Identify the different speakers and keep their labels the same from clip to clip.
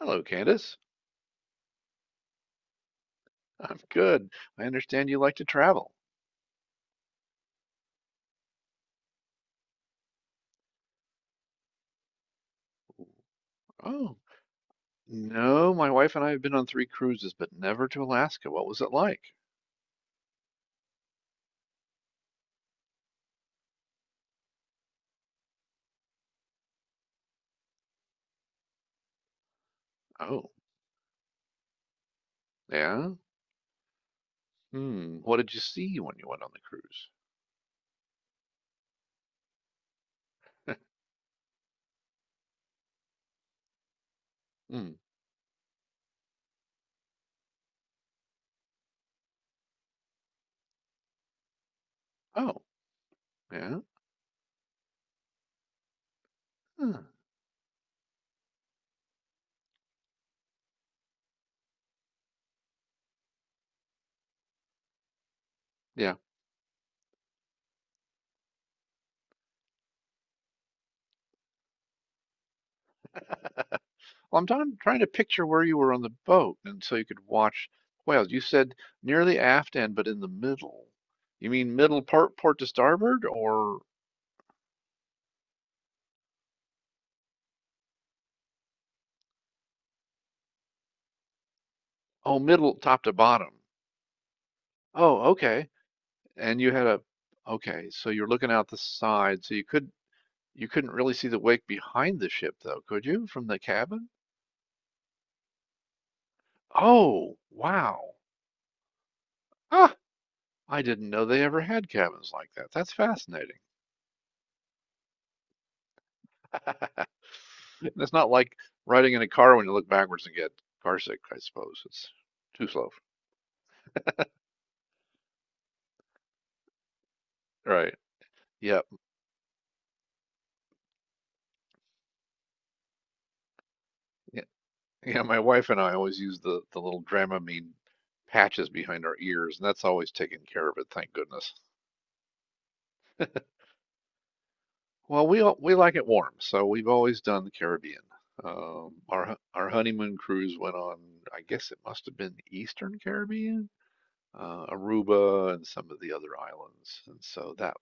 Speaker 1: Hello, Candace. I'm good. I understand you like to travel. Oh, no, my wife and I have been on three cruises, but never to Alaska. What was it like? Oh, yeah. Hmm. What did you see when you went on the cruise? Hmm. Oh, yeah. Hmm. Yeah. Well, I'm trying to picture where you were on the boat, and so you could watch whales. You said near the aft end, but in the middle. You mean middle port, port to starboard, or oh, middle, top to bottom? Oh, okay. And you had a, okay, so you're looking out the side, so you could you couldn't really see the wake behind the ship though, could you, from the cabin? Oh, wow. Ah, I didn't know they ever had cabins like that. That's fascinating. It's not like riding in a car when you look backwards and get carsick, I suppose. It's too slow. Right. Yep. Yeah. Yeah, my wife and I always use the little Dramamine patches behind our ears, and that's always taken care of it, thank goodness. Well, we all, we like it warm, so we've always done the Caribbean. Our our honeymoon cruise went on, I guess it must have been the Eastern Caribbean, Aruba and some of the other islands. And so that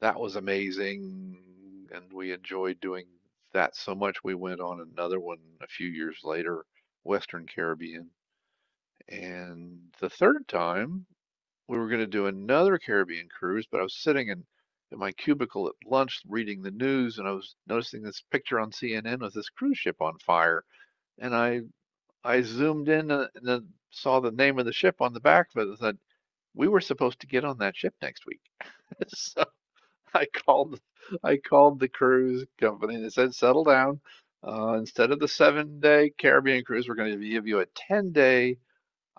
Speaker 1: that was amazing, and we enjoyed doing that so much. We went on another one a few years later, Western Caribbean. And the third time we were going to do another Caribbean cruise, but I was in my cubicle at lunch reading the news and I was noticing this picture on CNN with this cruise ship on fire. And I zoomed in and then saw the name of the ship on the back of it and said, we were supposed to get on that ship next week. So I called, I called the cruise company and said, settle down. Instead of the 7 day Caribbean cruise, we're going to give you a 10 day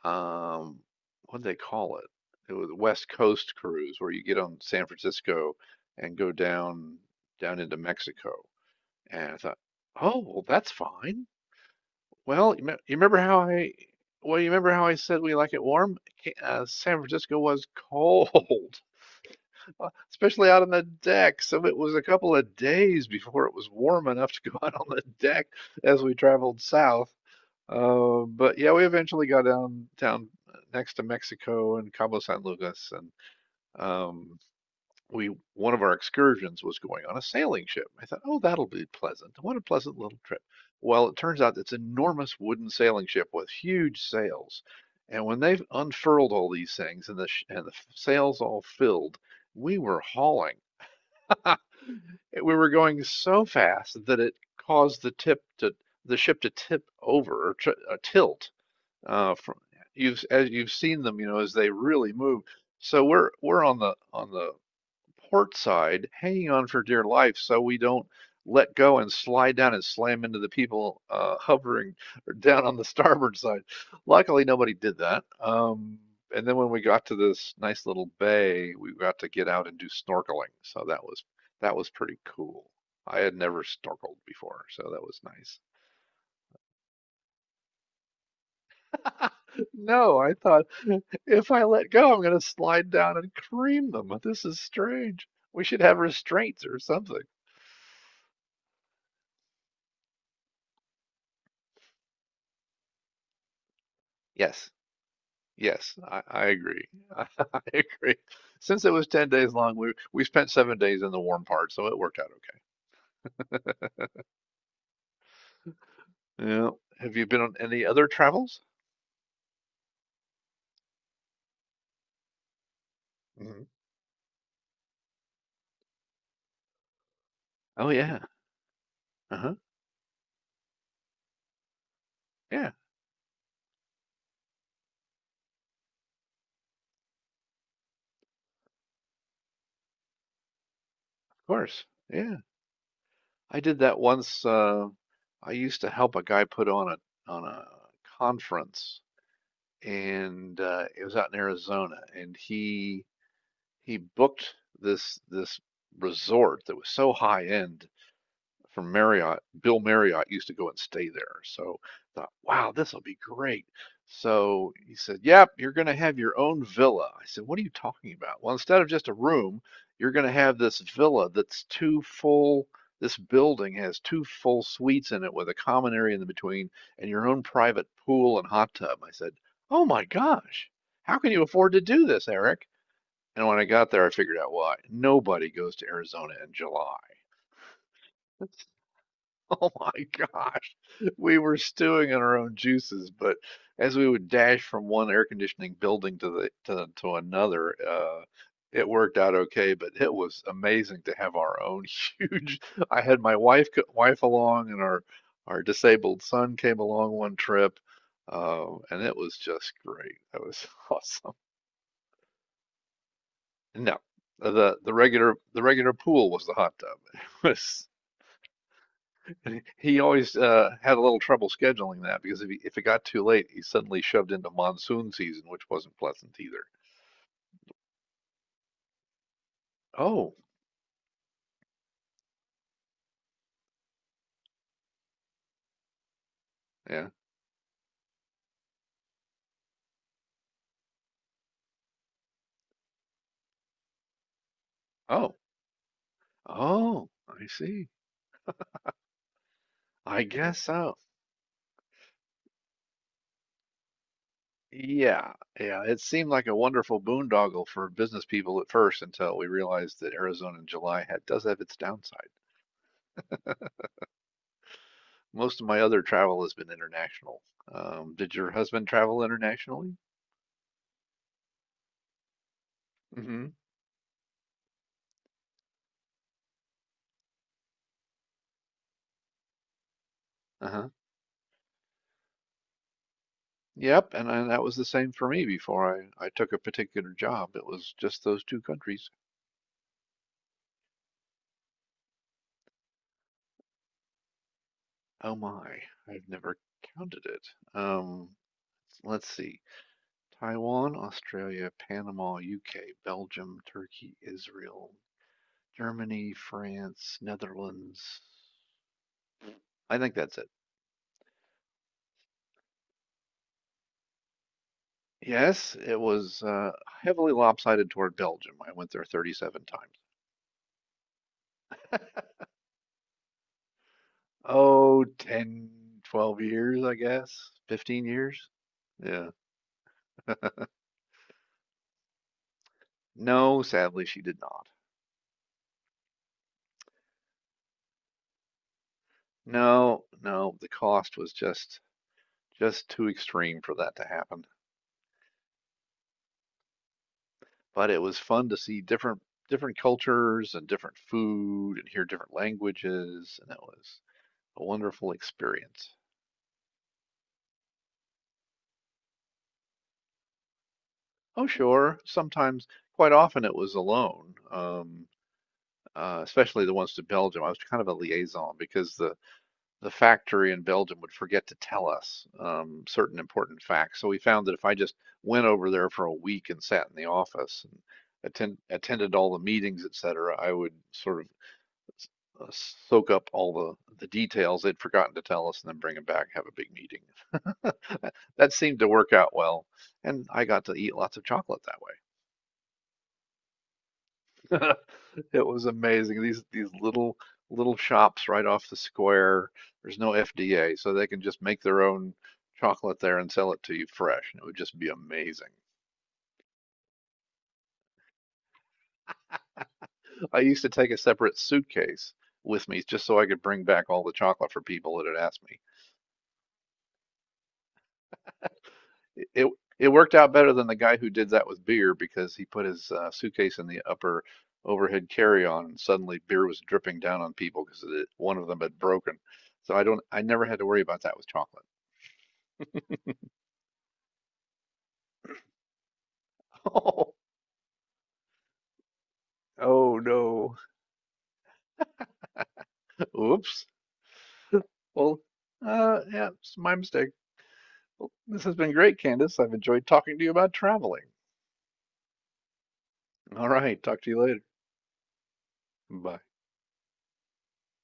Speaker 1: um what do they call it? It was West Coast cruise where you get on San Francisco and go down down into Mexico. And I thought, oh, well, that's fine. Well, you, me you remember how I well, you remember how I said we like it warm? San Francisco was cold, especially out on the deck. So it was a couple of days before it was warm enough to go out on the deck as we traveled south. But yeah, we eventually got down down next to Mexico and Cabo San Lucas, and um, we one of our excursions was going on a sailing ship. I thought, oh, that'll be pleasant. What a pleasant little trip. Well, it turns out it's an enormous wooden sailing ship with huge sails, and when they've unfurled all these things and the sh and the sails all filled, we were hauling. We were going so fast that it caused the ship to tip over or tr tilt from you've as you've seen them, you know, as they really move. So we're on the port side, hanging on for dear life, so we don't let go and slide down and slam into the people hovering down on the starboard side. Luckily, nobody did that. And then when we got to this nice little bay, we got to get out and do snorkeling. So that was pretty cool. I had never snorkeled before, so that was nice. No, I thought if I let go, I'm going to slide down and cream them. This is strange. We should have restraints or something. Yes, yes, I agree. I, agree. Since it was 10 days long, we spent 7 days in the warm part, so it worked out okay. Yeah. Have you been on any other travels? Hmm. Oh, yeah. Uh-huh. Yeah, of course. Yeah. I did that once. I used to help a guy put on a conference and it was out in Arizona, and he booked this resort that was so high end from Marriott, Bill Marriott used to go and stay there. So I thought, wow, this will be great. So he said, yep, you're going to have your own villa. I said, what are you talking about? Well, instead of just a room, you're going to have this villa that's this building has two full suites in it with a common area in the between and your own private pool and hot tub. I said, oh my gosh, how can you afford to do this, Eric? And when I got there, I figured out why. Nobody goes to Arizona in July. It's Oh my gosh. We were stewing in our own juices, but as we would dash from one air conditioning building to to another, it worked out okay, but it was amazing to have our own huge. I had my wife wife along and our disabled son came along one trip, and it was just great. That was awesome. No, the regular pool was the hot tub. It was he always had a little trouble scheduling that because if it got too late, he suddenly shoved into monsoon season, which wasn't pleasant either. Oh, yeah. Oh, oh, I see. I guess so. Yeah, yeah. It seemed like a wonderful boondoggle for business people at first until we realized that Arizona in July does have its downside. Most of my other travel has been international. Did your husband travel internationally? Mm-hmm. Uh-huh. Yep, and that was the same for me before I took a particular job. It was just those two countries. Oh my, I've never counted it. Um, let's see. Taiwan, Australia, Panama, UK, Belgium, Turkey, Israel, Germany, France, Netherlands. I think that's it. Yes, it was heavily lopsided toward Belgium. I went there 37 times. Oh, 10, 12 years, I guess. 15 years. Yeah. No, sadly, she did not. No, no, the cost was just too extreme for that to happen. But it was fun to see different cultures and different food and hear different languages, and it was a wonderful experience. Oh, sure, sometimes, quite often, it was alone, especially the ones to Belgium. I was kind of a liaison because the factory in Belgium would forget to tell us certain important facts. So we found that if I just went over there for a week and sat in the office and attended all the meetings, et cetera, I would sort of uh, soak up all the details they'd forgotten to tell us and then bring them back, and have a big meeting. That seemed to work out well. And I got to eat lots of chocolate that way. It was amazing. These little little shops right off the square. There's no FDA, so they can just make their own chocolate there and sell it to you fresh, and it would just be amazing. I used to take a separate suitcase with me just so I could bring back all the chocolate for people that had asked me. It it, it worked out better than the guy who did that with beer because he put his suitcase in the upper overhead carry-on, and suddenly beer was dripping down on people because one of them had broken. So I never had to worry about that with chocolate. Oh, oh no. Oops. Well, yeah, it's my mistake. Well, this has been great, Candace. I've enjoyed talking to you about traveling. All right, talk to you later. Bye.